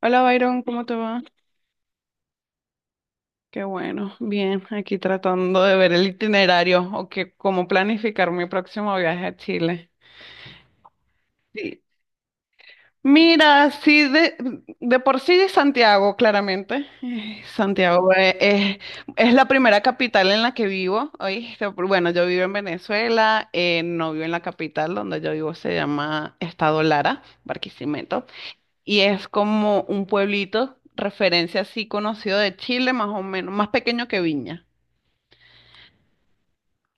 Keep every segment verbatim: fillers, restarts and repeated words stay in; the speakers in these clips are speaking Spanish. Hola Byron, ¿cómo te va? Qué bueno, bien, aquí tratando de ver el itinerario o que cómo planificar mi próximo viaje a Chile. Sí. Mira, sí, de, de por sí de Santiago, claramente. Eh, Santiago eh, es, es la primera capital en la que vivo. ¿Oíste? Bueno, yo vivo en Venezuela, eh, no vivo en la capital donde yo vivo, se llama Estado Lara, Barquisimeto. Y es como un pueblito, referencia así conocido de Chile, más o menos, más pequeño que Viña.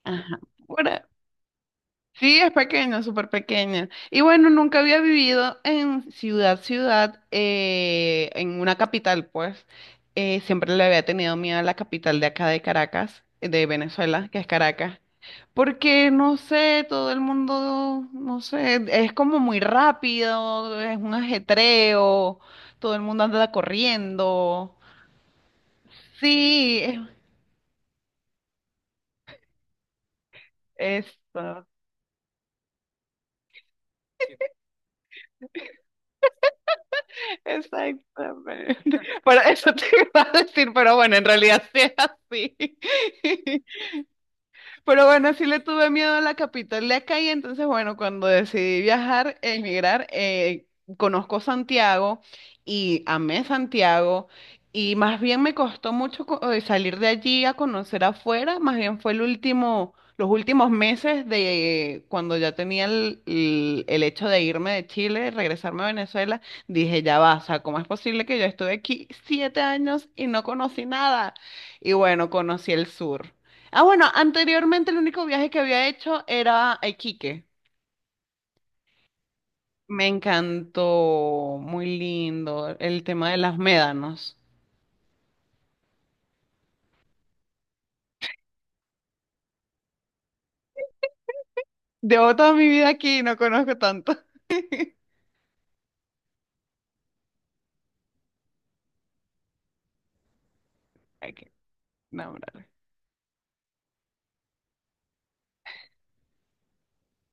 Ajá. Ahora, sí, es pequeño, súper pequeño. Y bueno, nunca había vivido en ciudad, ciudad, eh, en una capital, pues. Eh, siempre le había tenido miedo a la capital de acá de Caracas, de Venezuela, que es Caracas. Porque no sé, todo el mundo, no sé, es como muy rápido, es un ajetreo, todo el mundo anda corriendo. Sí, es- eso, exactamente. Por eso te iba a decir, pero bueno, en realidad sí es así. Pero bueno, sí le tuve miedo a la capital de acá y entonces, bueno, cuando decidí viajar, emigrar, eh, conozco Santiago y amé Santiago y más bien me costó mucho co- eh, salir de allí a conocer afuera, más bien fue el último, los últimos meses de cuando ya tenía el, el- el hecho de irme de Chile, regresarme a Venezuela, dije, ya va, o sea, ¿cómo es posible que yo estuve aquí siete años y no conocí nada? Y bueno, conocí el sur. Ah, bueno, anteriormente el único viaje que había hecho era a Iquique. Me encantó, muy lindo, el tema de las médanos. Llevo toda mi vida aquí y no conozco tanto. Ay, qué nombrar.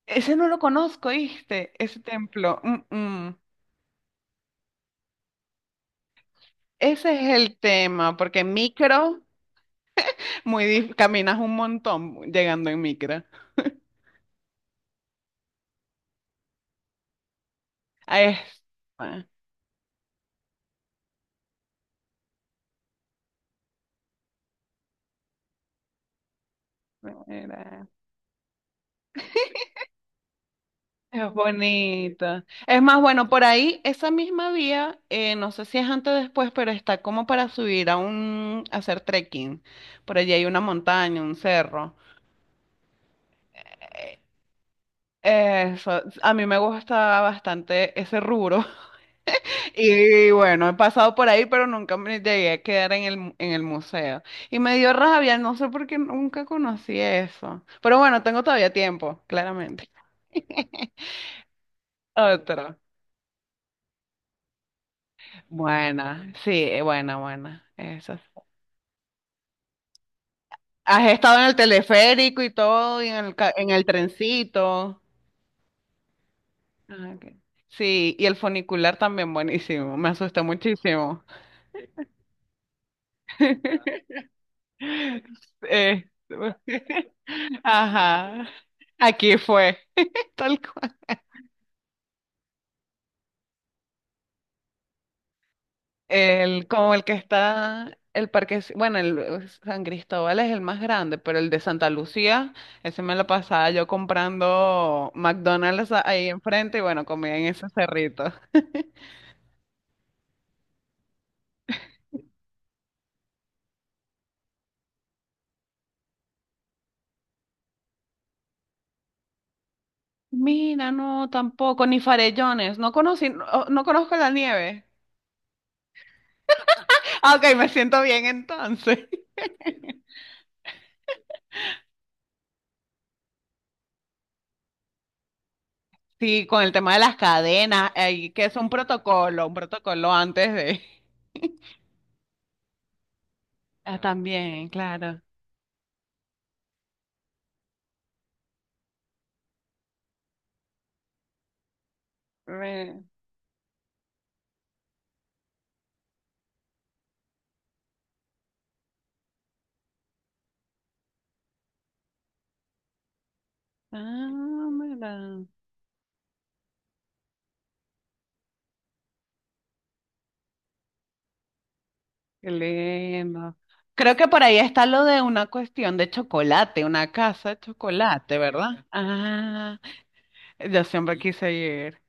Ese no lo conozco, ¿viste? Ese templo. Mm, mm. Ese es el tema, porque en micro, muy dif- caminas un montón llegando en micro. Ahí está. Es bonita. Es más, bueno, por ahí, esa misma vía, eh, no sé si es antes o después, pero está como para subir a un, a hacer trekking. Por allí hay una montaña, un cerro. Eso, a mí me gusta bastante ese rubro. Y bueno, he pasado por ahí, pero nunca me llegué a quedar en el, mu- en el museo. Y me dio rabia, no sé por qué nunca conocí eso. Pero bueno, tengo todavía tiempo, claramente. Otro. Buena, sí, eh, buena, buena. Eso, has estado en el teleférico y todo, y en el, ca- en el trencito. Ah, ok. Sí, y el funicular también buenísimo. Me asusté muchísimo. Eh, ajá. Aquí fue, tal cual. El, como el que está, el parque, bueno, el eh, San Cristóbal es el más grande, pero el de Santa Lucía, ese me lo pasaba yo comprando McDonald's a- ahí enfrente y bueno, comía en ese cerrito. Mira, no, tampoco, ni farellones. No conocí, no, no conozco la nieve. Ah, ok, me siento bien entonces. Sí, con el tema de las cadenas, eh, que es un protocolo, un protocolo antes de. Ah, también, claro. Re- Ah, mira. Qué lindo. Creo que por ahí está lo de una cuestión de chocolate, una casa de chocolate, ¿verdad? Ah, yo siempre quise ir.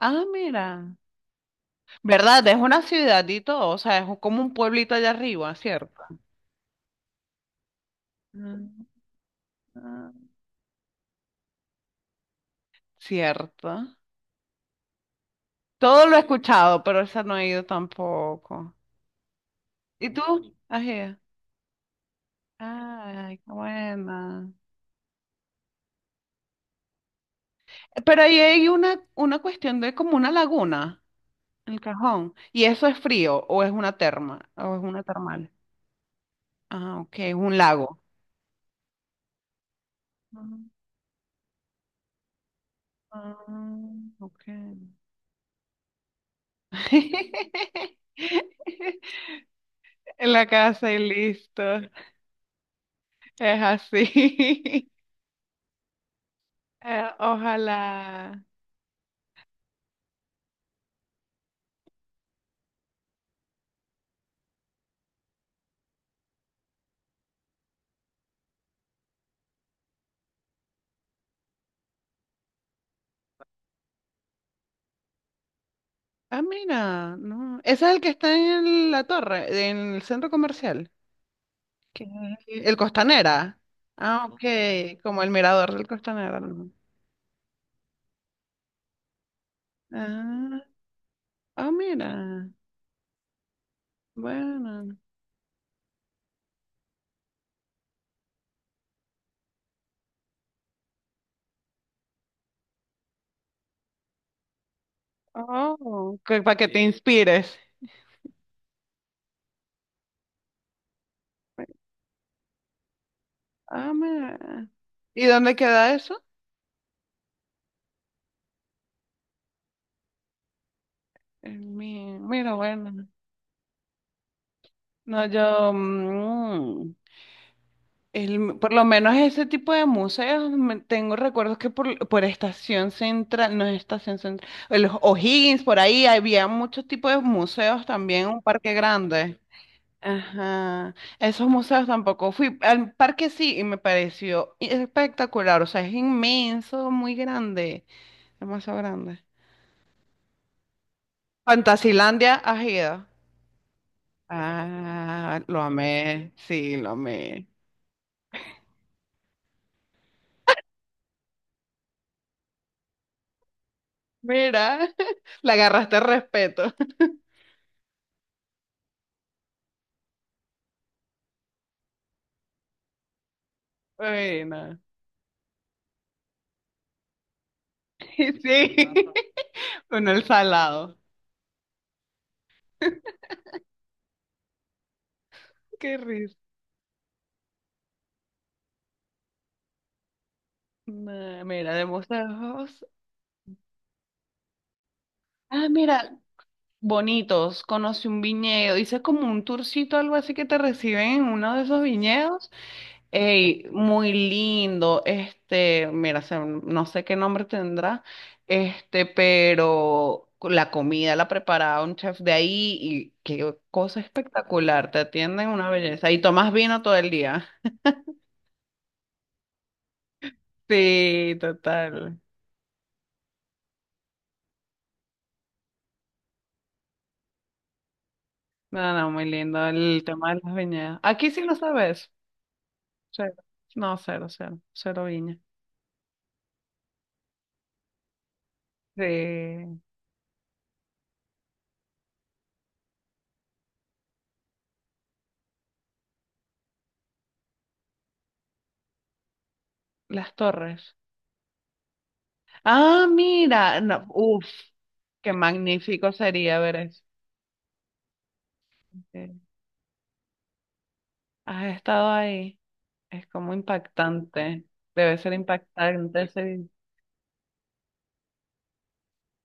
Ah, mira. ¿Verdad? Es una ciudad y todo, o sea, es como un pueblito allá arriba, ¿cierto? Mm, ah, cierto. Todo lo he escuchado, pero esa no he ido tampoco. ¿Y tú? ¿Has ido? Ay, qué buena. Pero ahí hay una, una cuestión de como una laguna, el Cajón. ¿Y eso es frío o es una terma o es una termal? Ah, ok, es un lago. Ah, ok. En la casa y listo. Es así. Eh, ojalá. Ah, mira, no. Ese es el que está en la torre, en el centro comercial. Que el Costanera. Ah, ok. Como el mirador del Costanera, ¿no? Ah, ah, mira. Bueno. Oh, que, para que te, Sí. inspires. Ah, mira. ¿Y dónde queda eso? En mi- Mira, bueno. No, yo. mm, El- por lo menos ese tipo de museos, me- tengo recuerdos que por, por Estación Central, no es Estación Central, los O'Higgins, por ahí había muchos tipos de museos también, un parque grande. Ajá, esos museos tampoco fui. Al parque sí, y me pareció espectacular, o sea, es inmenso, muy grande, demasiado grande. Fantasilandia, ¿has ido? Ah, lo amé, sí, lo amé. Mira, le agarraste respeto. Bueno. Sí, con el salado. Qué risa. Nah, mira, de mostrarlos. Ah, mira, bonitos. Conocí un viñedo. Hice como un tourcito, algo así que te reciben en uno de esos viñedos. Ey, muy lindo. Este, mira, se- no sé qué nombre tendrá. Este, pero la comida la preparaba un chef de ahí y qué cosa espectacular. Te atienden una belleza. Y tomas vino todo el día. Sí, total. No, no, muy lindo el tema de las viñedas. Aquí sí lo sabes. Cero. No, cero, cero. Cero viña. De las torres. Ah, mira. No, uf, qué magnífico sería ver eso. Eh, Has estado ahí. Es como impactante. Debe ser impactante ese,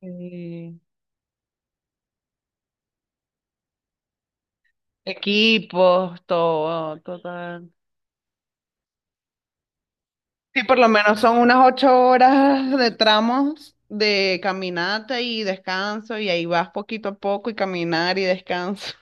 eh, equipos, todo, todo. Sí, por lo menos son unas ocho horas de tramos de caminata y descanso, y ahí vas poquito a poco y caminar y descanso,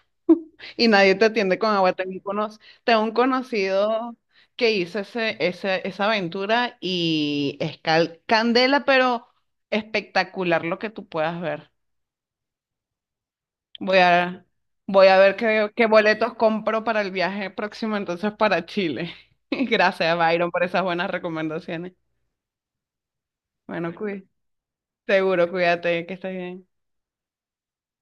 y nadie te atiende con agua. Tengo un, cono- tengo un conocido que hizo ese, ese, esa aventura y es cal- candela, pero espectacular lo que tú puedas ver. Voy a, voy a ver qué, qué boletos compro para el viaje próximo entonces para Chile. Gracias, Byron, por esas buenas recomendaciones. Bueno, cuí. Seguro, cuídate, que estés bien.